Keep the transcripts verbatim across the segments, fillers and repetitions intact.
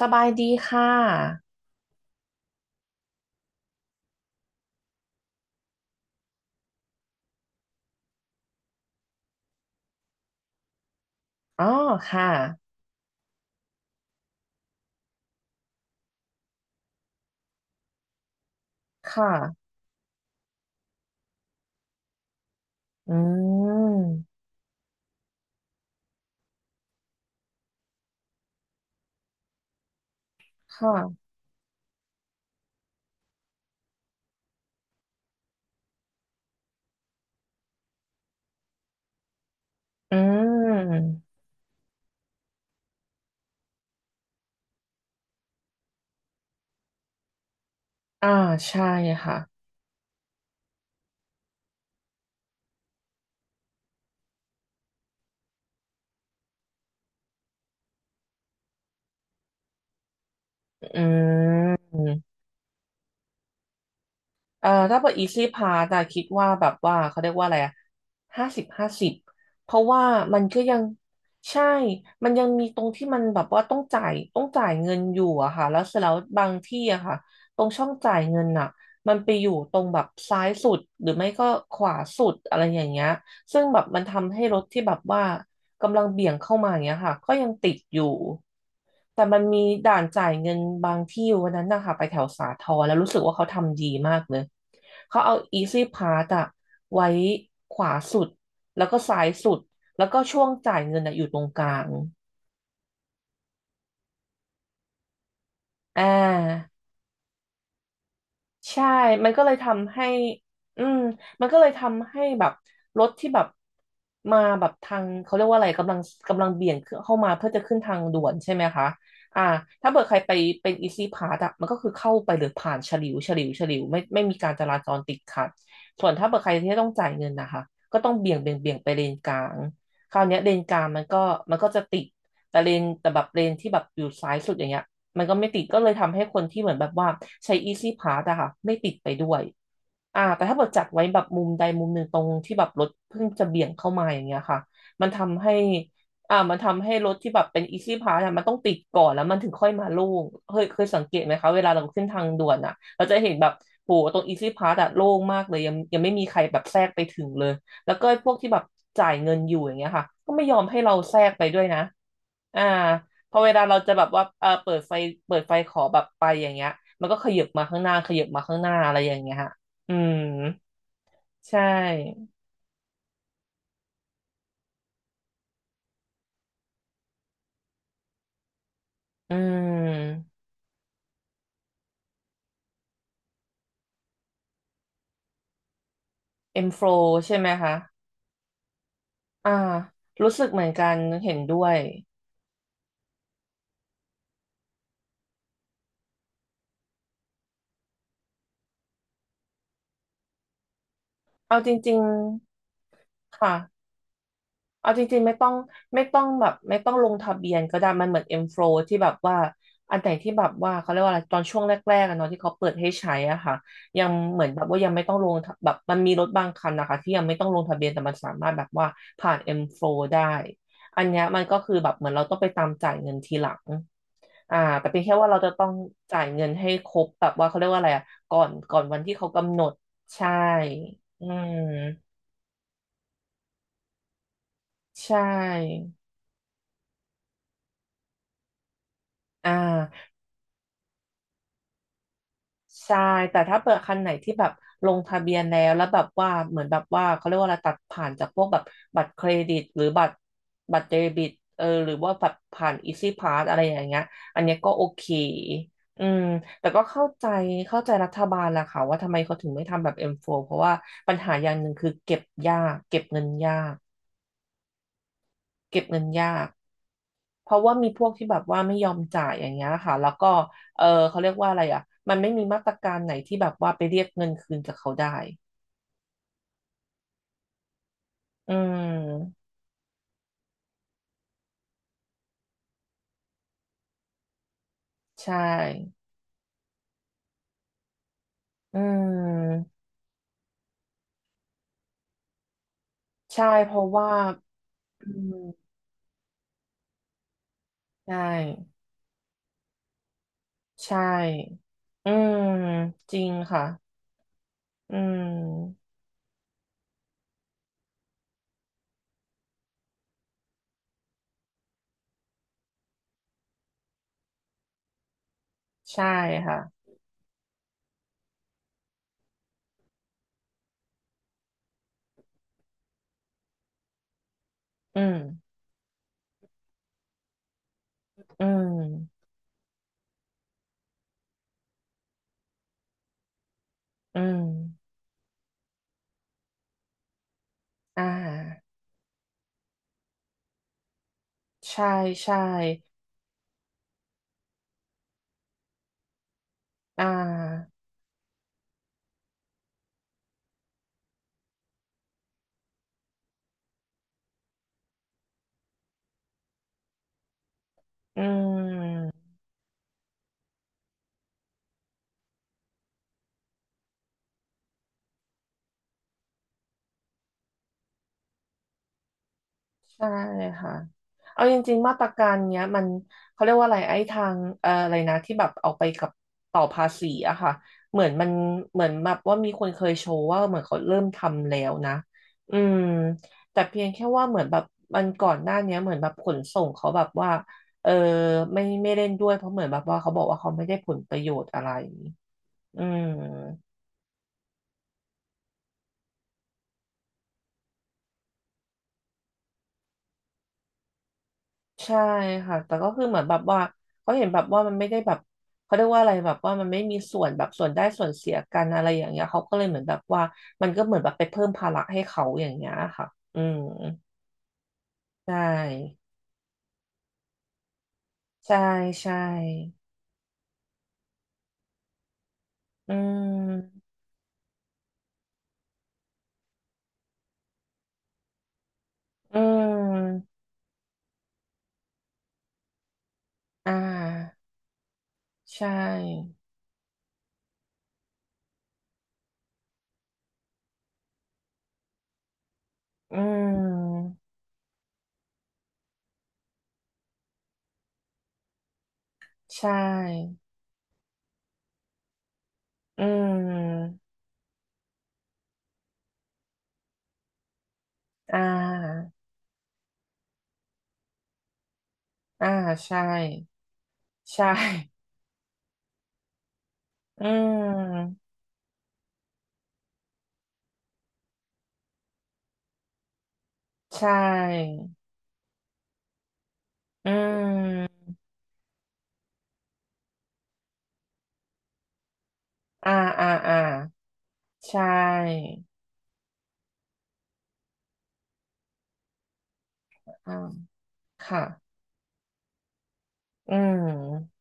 สบายดีค่ะ อ๋อค่ะ ค่ะอืมค่ะอืมอ่าใช่ค่ะอืม เอ่อถ้าเป็น Easy Pass อะคิดว่าแบบว่าเขาเรียกว่าอะไรอะห้าสิบห้าสิบเพราะว่ามันก็ยังใช่มันยังมีตรงที่มันแบบว่าต้องจ่ายต้องจ่ายเงินอยู่อะค่ะแล้วเสร็จแล้วบางที่อะค่ะตรงช่องจ่ายเงินอะมันไปอยู่ตรงแบบซ้ายสุดหรือไม่ก็ขวาสุดอะไรอย่างเงี้ยซึ่งแบบมันทำให้รถที่แบบว่า กำลังเบี่ยงเข้ามาอย่างเงี้ยค่ะ ก็ยังติดอยู่ แต่มันมีด่านจ่ายเงินบางที่วันนั้นนะคะไปแถวสาทรแล้วรู้สึกว่าเขาทำดีมากเลย เขาเอา Easy Pass อะไว้ขวาสุด แล้วก็ซ้ายสุด แล้วก็ช่วงจ่ายเงินอะอยู่ตรงกลางอ่า ใช่ มันก็เลยทำให้อืมมันก็เลยทำให้แบบรถที่แบบมาแบบทางเขาเรียกว่าอะไรกำลังกำลังเบี่ยงเข้ามาเพื่อจะขึ้นทางด่วนใช่ไหมคะอ่าถ้าเกิดใครไปเป็นอีซี่พาสอะมันก็คือเข้าไปหรือผ่านฉลิวฉลิวฉลิวไม่ไม่มีการจราจรติดขัดส่วนถ้าเกิดใครที่ต้องจ่ายเงินนะคะก็ต้องเบี่ยงเบี่ยงเบี่ยงไปเลนกลางคราวเนี้ยเลนกลางมันก็มันก็จะติดแต่เลนแต่แบบเลนที่แบบอยู่ซ้ายสุดอย่างเงี้ย มันก็ไม่ติดก็เลยทำให้คนที่เหมือนแบบว่าใช้ Easy Pass อะค่ะไม่ติดไปด้วยอ่าแต่ถ้าเกิดจัดไว้แบบมุมใดมุมหนึ่งตรงที่แบบรถเพิ่งจะเบี่ยงเข้ามาอย่างเงี้ยค่ะมันทำให้อ่ามันทำให้รถที่แบบเป็น Easy Pass อะมันต้องติดก่อนแล้วมันถึงค่อยมาโล่งเคยเคยสังเกตไหมคะเวลาเราขึ้นทางด่วนอะเราจะเห็นแบบโหตรง Easy Pass อะโล่งมากเลยยังยังไม่มีใครแบบแทรกไปถึงเลยแล้วก็พวกที่แบบจ่ายเงินอยู่อย่างเงี้ยค่ะก็ไม่ยอมให้เราแทรกไปด้วยนะอ่า พอเวลาเราจะแบบว่าเออเปิดไฟเปิดไฟขอแบบไปอย่างเงี้ยมันก็ขยับมาข้างหน้า ขยับมาข้างหน้าอะไรอย่างเงี้ยฮะ อืม ใช่ อืม M flow ใช่ไหมคะ อ่า รู้สึกเหมือนกันเห็นด้วย เอาจริงๆ ค่ะ เอาจริงๆไม่ต้องไม่ต้องแบบไม่ต้องลงทะเบียนก็ได้มันเหมือนเอ็มโฟลว์ที่แบบว่าอันไหนที่แบบว่าเขาเรียกว่าอะไรตอนช่วงแรกๆอะเนาะที่เขาเปิดให้ใช้อ่ะค่ะยังเหมือนแบบว่ายังไม่ต้องลงทะแบบมันมีรถบางคันนะคะที่ยังไม่ต้องลงทะเบียนแต่มันสามารถแบบว่าผ่านเอ็มโฟลว์ได้อันเนี้ยมันก็คือแบบเหมือนเราต้องไปตามจ่ายเงินทีหลังอ่าแต่เป็นแค่ว่าเราจะต้องจ่ายเงินให้ครบแบบว่าเขาเรียกว่าอะไรอ่ะก่อนก่อนวันที่เขากำหนดใช่อืมใช่อ่า ใช่แต่ถ้าเปิดคันไหนที่แบบลงทะเบียนแล้วแล้วแบบว่าเหมือนแบบว่าเขาเรียกว่าอะไรตัดผ่านจากพวกแบบบัตรเครดิตหรือบัตรบัตรเดบิตเออหรือว่าแบบผ่านอีซี่พาสอะไรอย่างเงี้ยอันเนี้ยก็โอเคอืมแต่ก็เข้าใจเข้าใจรัฐบาลแหละค่ะว่าทำไมเขาถึงไม่ทำแบบ เอ็ม โฟร์ เพราะว่าปัญหาอย่างหนึ่งคือเก็บยากเก็บเงินยากเก็บเงินยาก เพราะว่ามีพวกที่แบบว่าไม่ยอมจ่ายอย่างเงี้ยค่ะแล้วก็เออเขาเรียกว่าอะไรอ่ะมันไม่มีมาตรการไหนที่แบบว่าไปเรียกเงินคืนจากเขาได้อืมใช่อืมใช่เพราะว่าอืมใช่ใช่ อืมจริงค่ะอืมใช่ค่ะอืมอืมอืมอ่าใช่ใช่อ่าอืม ใช่ค่ะเอาจริงๆมาตรการเนี้ยมันเขาเรียกว่าอะไรไอ้ทางเอ่ออะไรนะที่แบบเอาไปกับต่อภาษีอะค่ะเหมือนมันเหมือนแบบว่ามีคนเคยโชว์ว่าเหมือนเขาเริ่มทำแล้วนะ อืมแต่เพียงแค่ว่าเหมือนแบบมันก่อนหน้าเนี้ยเหมือนแบบขนส่งเขาแบบว่าเออไม่ไม่เล่นด้วยเพราะเหมือนแบบว่าเขาบอกว่าเขาไม่ได้ผลประโยชน์อะไรอืม ใช่ค่ะแต่ก็คือเหมือนแบบว่าเขาเห็นแบบว่ามันไม่ได้แบบเขาเรียกว่าอะไรแบบว่ามันไม่มีส่วนแบบส่วนได้ส่วนเสียกันอะไรอย่างเงี้ยเขาก็เลยเหมือนแบบว่ามันก็เหมือนแบบไปเพิ่มภาระให้เขาอย่างเงี้ยค่ะอืมใช่ใช่ใช่อืมอืมอ่าใช่อืมใช่อืมอ่าอ่าใช่ใช่อืมใช่อืม อ่าอ่าอ่าใช่อ่าค่ะอืม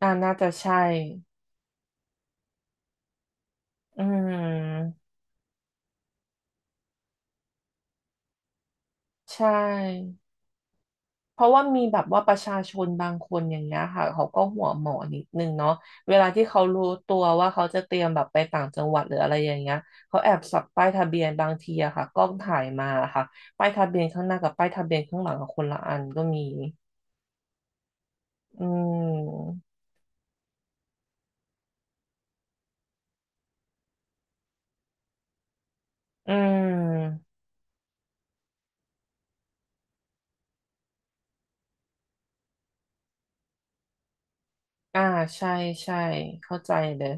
อ่าน่าจะใช่อืมใช่เพราะว่ามีแบบว่าประชาชนบางคนอย่างเงี้ยค่ะเขาก็หัวหมอนิดนึงเนาะเวลาที่เขารู้ตัวว่าเขาจะเตรียมแบบไปต่างจังหวัดหรืออะไรอย่างเงี้ยเขาแอบสับป้ายทะเบียนบางทีอะค่ะกล้องถ่ายมาค่ะป้ายทะเบียนข้างหน้ากับป้ายทะเบียนข้างหลังกับคนละอันก็มีอืมอืมอ่าใช่ใช่เข้าใจเลย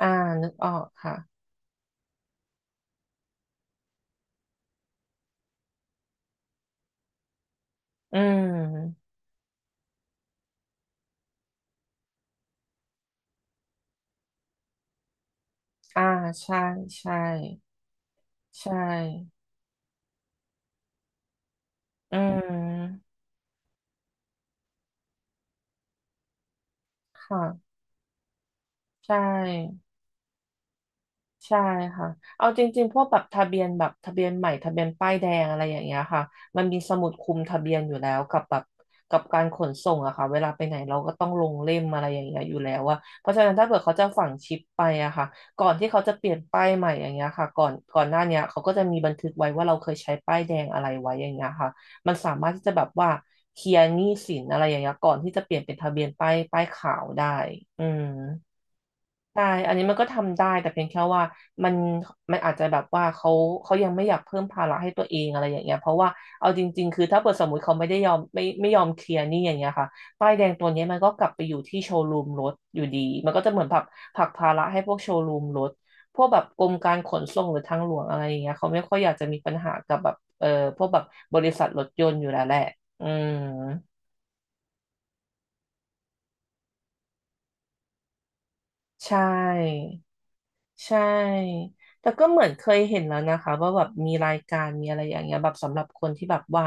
อ่านึกออกค่ะอืมอ่าใช่ใช่ใช่อืมค่ะใช่ ใช่ค่ะเอาจริงๆพวกแบบทะเบียนแบบทะเบียนใหม่ทะเบียนป้ายแดงอะไรอย่างเงี้ยค่ะมันมีสมุดคุมทะเบียนอยู่แล้วกับแบบกับการขนส่งอะค่ะเวลาไปไหนเราก็ต้องลงเล่มอะไรอย่างเงี้ยอยู่แล้วอะเพราะฉะนั้นถ้าเกิดเขาจะฝังชิปไปอะค่ะก่อนที่เขาจะเปลี่ยนป้ายใหม่อย่างเงี้ยค่ะก่อนก่อนหน้าเนี้ยเขาก็จะมีบันทึกไว้ว่าเราเคยใช้ป้ายแดงอะไรไว้อย่างเงี้ยค่ะมันสามารถที่จะแบบว่าเคลียร์หนี้สินอะไรอย่างเงี้ยก่อนที่จะเปลี่ยนเป็นทะเบียนป้ายป้ายขาวได้อืม ใช่อันนี้มันก็ทำได้แต่เพียงแค่ว่ามันมันอาจจะแบบว่าเขาเขายังไม่อยากเพิ่มภาระให้ตัวเองอะไรอย่างเงี้ยเพราะว่าเอาจริงๆคือถ้าเปิดสมมติเขาไม่ได้ยอมไม่ไม่ยอมเคลียร์หนี่อย่างเงี้ยค่ะป้ายแดงตัวเนี้ยมันก็กลับไปอยู่ที่โชว์รูมรถอยู่ดีมันก็จะเหมือนผลักผลักภาระให้พวกโชว์รูมรถพวกแบบกรมการขนส่งหรือทางหลวงอะไรอย่างเงี้ยเขาไม่ค่อยอยากจะมีปัญหากับแบบเออพวกแบบบริษัทรถยนต์อยู่แล้วแหละอืมใช่ ใช่แต่ก็เหมือนเคยเห็นแล้วนะคะว่าแบบมีรายการมีอะไรอย่างเงี้ยแบบสำหรับคนที่แบบว่า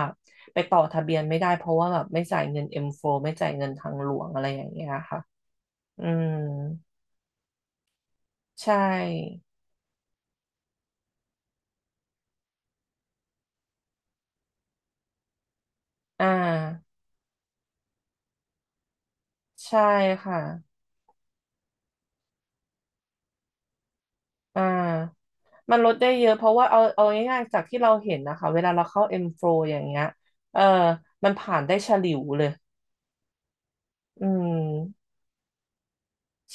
ไปต่อทะเบียนไม่ได้เพราะว่าแบบไม่จ่ายเงิน เอ็ม โฟร์ ไม่จ่ายเงินทางหลวงอะไรอย่างเงี้ยค่ะอืมใช่อ่าใช่ค่ะอ่ามันลดได้เยอะเพราะว่าเอาเอาง่ายๆจากที่เราเห็นนะคะเวลาเราเข้า เอ็ม โฟร์ อมโฟร์อย่างเงี้ยเออมันผ่านได้ฉลิวเลยอืม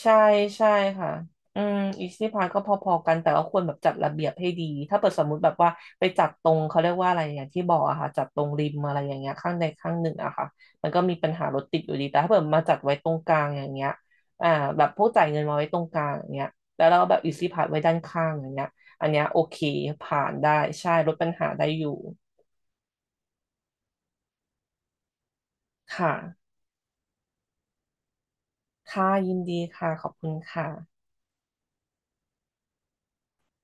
ใช่ใช่ค่ะอืมอีซี่พาสก็พอๆกันแต่ว่าควรแบบจัดระเบียบให้ดีถ้าเปิดสมมุติแบบว่าไปจัดตรงเขาเรียกว่าอะไรอย่างที่บอกอะค่ะจัดตรงริมอะไรอย่างเงี้ยข้างใดข้างหนึ่งอะค่ะมันก็มีปัญหารถติดอยู่ดีแต่ถ้าเปิดมาจัดไว้ตรงกลางอย่างเงี้ยอ่าแบบพวกจ่ายเงินมาไว้ตรงกลางอย่างเงี้ยแล้วเราแบบอีซี่พาสไว้ด้านข้างอย่างเงี้ยอันเนี้ยโอเคผ่านได้ใช่ลดปัญหาได้อยู่ค่ะค่ะยินดีค่ะขอบคุณค่ะ